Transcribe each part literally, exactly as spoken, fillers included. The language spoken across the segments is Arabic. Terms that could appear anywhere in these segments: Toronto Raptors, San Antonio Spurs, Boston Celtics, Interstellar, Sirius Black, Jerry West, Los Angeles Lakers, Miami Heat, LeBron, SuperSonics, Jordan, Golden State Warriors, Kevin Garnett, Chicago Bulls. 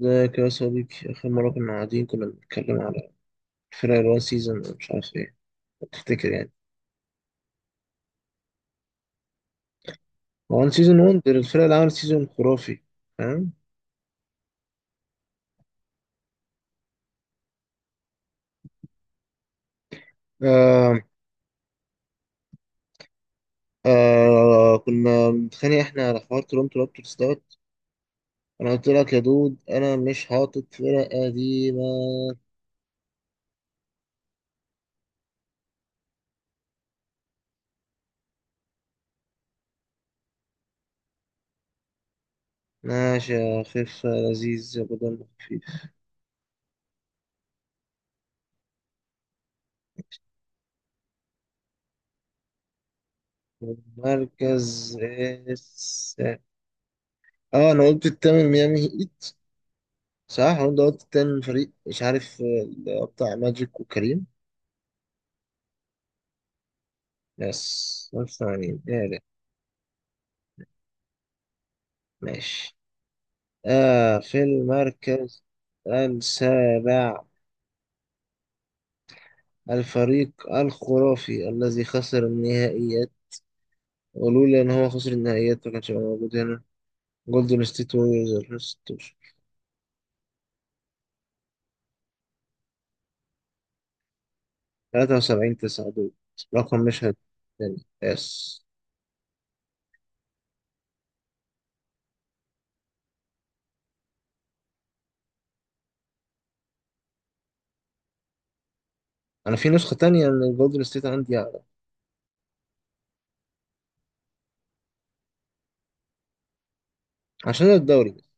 ازيك يا صديقي؟ آخر مرة كنا قاعدين، كنا بنتكلم على الفرق الوان سيزون، مش عارف ايه، لو تفتكر يعني. وان سيزون وندر، الفرق اللي عملت سيزون خرافي، فاهم؟ آه آه كنا بنتخانق احنا على حوار تورنتو رابترز دوت. انا قلت لك يا دود، انا مش حاطط فرق قديمة. ماشي يا خفة لذيذ يا بدل خفيف. المركز السادس. اه، انا قلت التامن ميامي هيت. صح، وانت قلت التامن فريق مش عارف. آه، بتاع ماجيك وكريم. يس، نص ثانية دقيقة. ماشي. آه، في المركز السابع، الفريق الخرافي الذي خسر النهائيات، ولولا إن هو خسر النهائيات ما كانش هيبقى موجود هنا. جولدن ستيت ووريرز ألفين وستاشر، تلاتة وسبعين تسعة، دول رقم مش تاني. يس. أنا في نسخة تانية من الجولدن ستيت عندي أعلى، عشان الدوري بس.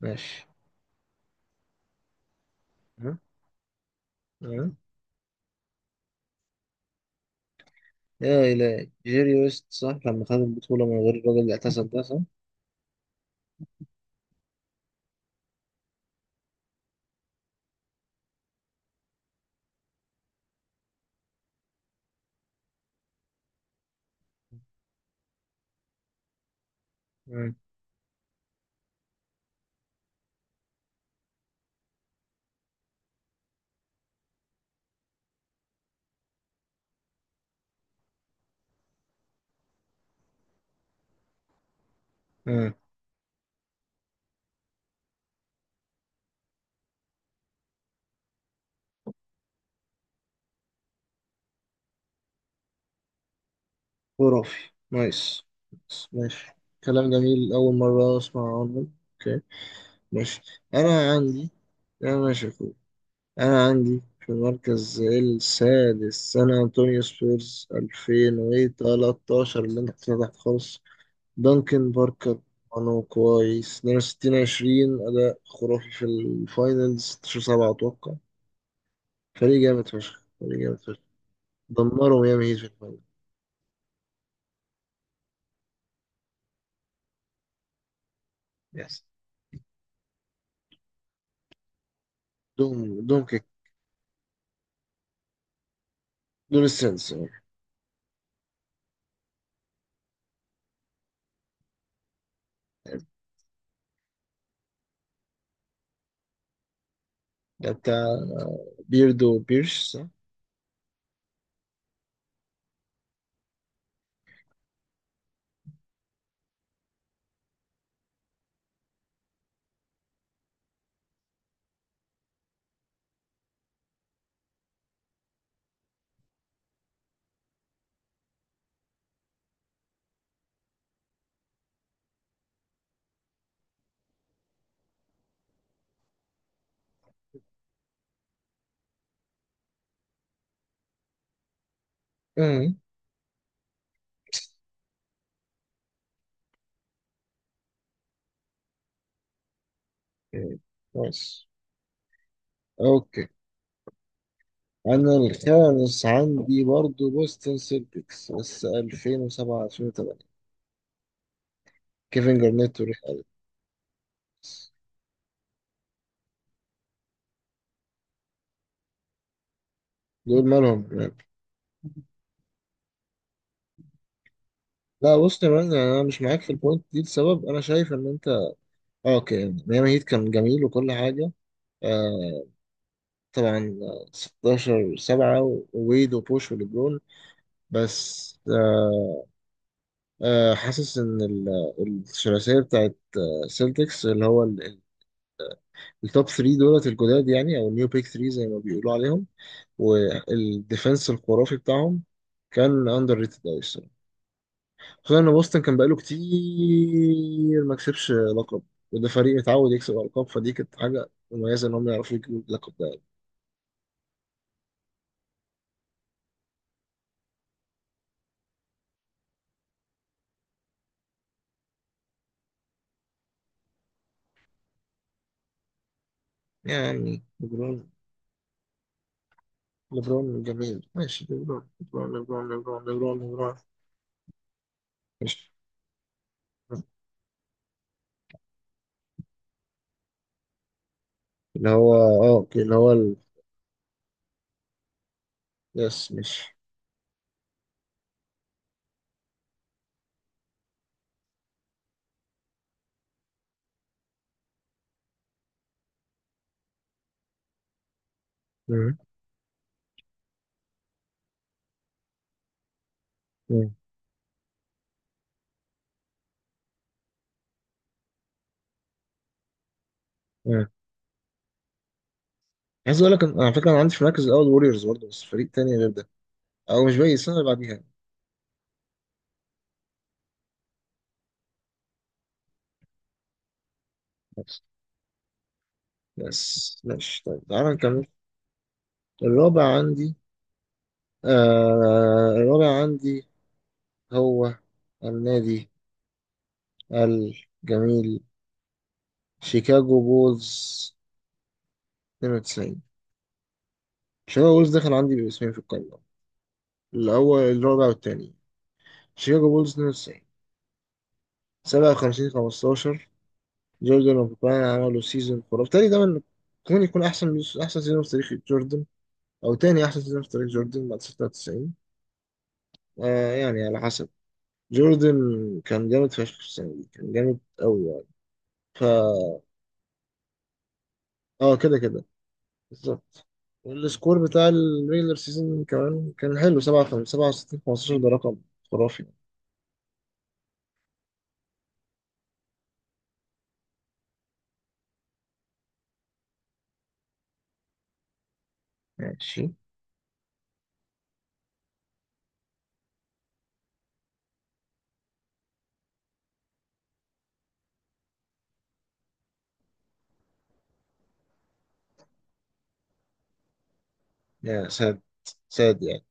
ماشي. ها؟ ها؟ يا إلهي، جيري ويست، صح لما خد البطولة من غير الراجل اللي اعتزل ده، صح؟ مم. مم. خرافي. نايس. نايس. ماشي. كلام جميل، أول مرة أسمع عنه. أوكي. ماشي. أنا عندي، أنا ماشي يا أخوي. أنا عندي في المركز السادس سان أنطونيو سبيرز ألفين وتلاتة عشر، اللي أنت كنت تحت خالص. دانكن باركر، أنا كويس، اتنين وستين عشرين، أداء خرافي في الفاينلز ستة عشر سبعة، أتوقع. فريق جامد فشخ، فريق جامد فشخ. دمروا ميامي هيت في الفاينل. يس. دوم. دوم كيك. دول السنس. ده بتاع بيردو بيرش، صح؟ امم. أوكي، كويس. اوكي، انا الخامس عندي برضو بوستن سيلتكس بس ألفين وسبعة ألفين وتمانية، كيفن جارنيت وريك أليكس. دول مالهم يا رب؟ لا بص يا مان، يعني انا مش معاك في البوينت دي، لسبب انا شايف ان انت آه، اوكي ميامي هيت كان جميل وكل حاجه. آه طبعا آه، ستاشر سبعة وويد وبوش وليبرون، بس آه آه، حاسس ان ال- الثلاثيه، السلتكس اللي هو ال- التوب تلاتة دولت الجداد يعني، او النيو بيك تلاتة زي ما بيقولوا عليهم، والديفenس الخرافي بتاعهم، كان اندر ريتد قوي الصراحه. خصوصا ان بوسطن كان بقاله كتير ما كسبش لقب، وده فريق متعود يكسب القاب، فدي كانت حاجه مميزه ان هم يعرفوا يجيبوا اللقب ده يعني. يعني ليبرون، ليبرون جميل، ماشي. ليبرون ليبرون ليبرون ليبرون ليبرون ليبرون. ماشي. اللي هو اه اوكي، اللي هو ال... يس، ماشي. مم. مم. عايز اقول لك أنا- على فكره انا عندي في المركز الاول ووريرز برضه، بس فريق تاني غير ده، او مش باقي السنه اللي بعديها. بس. بس ماشي، طيب تعالى نكمل. الرابع عندي، آه الرابع عندي هو النادي الجميل شيكاغو بولز اتنين وتسعين. شيكاغو بولز دخل عندي باسمين في القائمه، الاول الرابع والتاني. شيكاغو بولز اتنين وتسعين، سبعة وخمسين خمستاشر. جوردن وبوبان عملوا سيزون خرافي تاني، ده من ممكن يكون احسن، احسن سيزون في تاريخ جوردن، او تاني احسن سيزون في تاريخ جوردن بعد ستة وتسعين. آه يعني على حسب، جوردن كان جامد فشخ في السنه دي، كان جامد قوي يعني. ف اه كده كده. بالظبط. والسكور بتاع الريجلر سيزون كمان كان حلو، سبعة وخمسين سبعة وستين خمستاشر، ده رقم خرافي. ماشي يا ساد. ساد يعني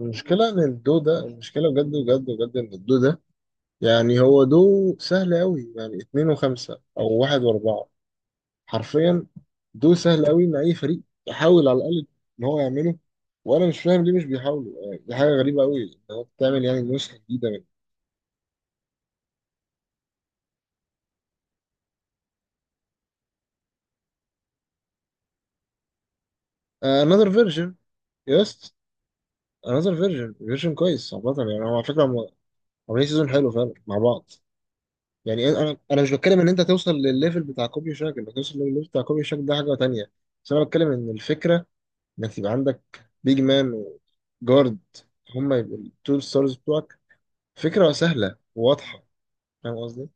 المشكلة إن الدو ده، المشكلة بجد بجد بجد إن الدو ده، يعني هو دو سهل أوي، يعني اتنين وخمسة أو واحد وأربعة، حرفيا. دول سهل قوي ان اي فريق يحاول على الاقل ان هو يعمله، وانا مش فاهم ليه مش بيحاولوا يعني، دي حاجه غريبه قوي ان هو بتعمل يعني نسخه جديده من آه، another version. يس، another version version كويس عامه يعني. هو على فكره هم عاملين سيزون حلو فعلا مع بعض. يعني انا انا مش بتكلم ان انت توصل للليفل بتاع كوبي شاك، انك توصل للليفل بتاع كوبي شاك ده حاجه تانيه. بس انا بتكلم ان الفكره انك يبقى عندك بيج مان وجارد، هم يبقوا التو ستارز بتوعك، فكره سهله وواضحه. فاهم قصدي؟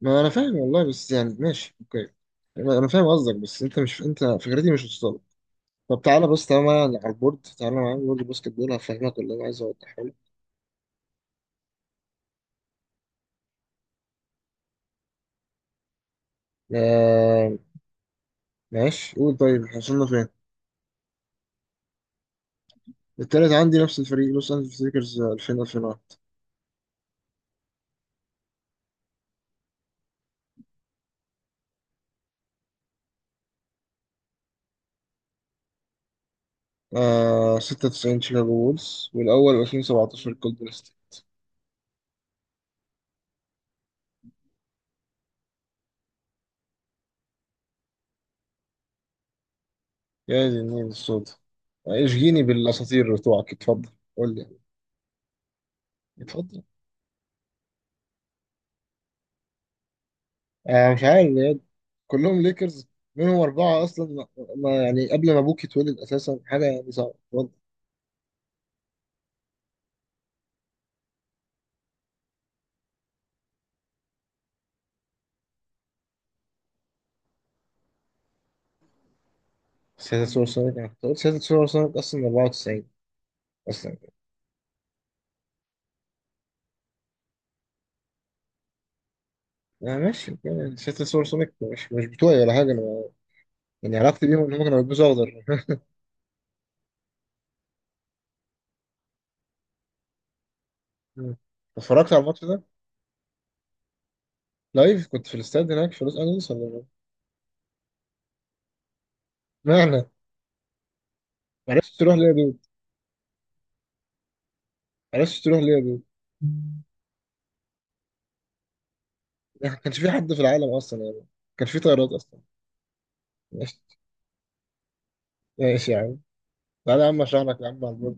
ما انا فاهم والله، بس يعني ماشي اوكي. انا أنا فاهم قصدك، بس انت مش، انت فكرتي مش وصلت. طب تعالى بص، تعالى معايا على البورد، تعالى معايا على بورد الباسكت بول هفهمك اللي انا عايز اوضحه لك. آه، ماشي، قول طيب احنا وصلنا فين. التالت عندي نفس الفريق لوس انجلوس ليكرز ألفين ألفين وواحد. آه، ستة وتسعين شيكاغو بولز، والاول ألفين وسبعتاشر جولدن ستيت. يا دي النيل السودا، اشجيني بالاساطير بتوعك اتفضل، قول لي يعني. اتفضل. آه، مش عارف بجد. كلهم ليكرز، منهم أربعة أصلا ما، ما- يعني قبل ما أبوك يتولد أساسا، حاجة يعني صعبة برضه. سياسة سوبر سونيك، أنا كنت قلت سياسة سوبر سونيك أصلا أربعة وتسعين أصلا. آه ماشي، يعني سياسة سوبر سونيك مش مش بتوعي ولا حاجة أنا، يعني علاقتي بيهم إن هم كانوا بيلبسوا أخضر مم. اتفرجت على الماتش ده لايف، كنت في الاستاد هناك في لوس أنجلوس ولا إيه؟ معنى ما عرفتش تروح ليه يا دود؟ ما عرفتش تروح ليه يا دود؟ ما كانش في حد في العالم أصلا، يعني ما كانش في طيارات أصلا. ماشي. ماشي يا عم، تعالى يا عم أشرح لك يا عم على البرج.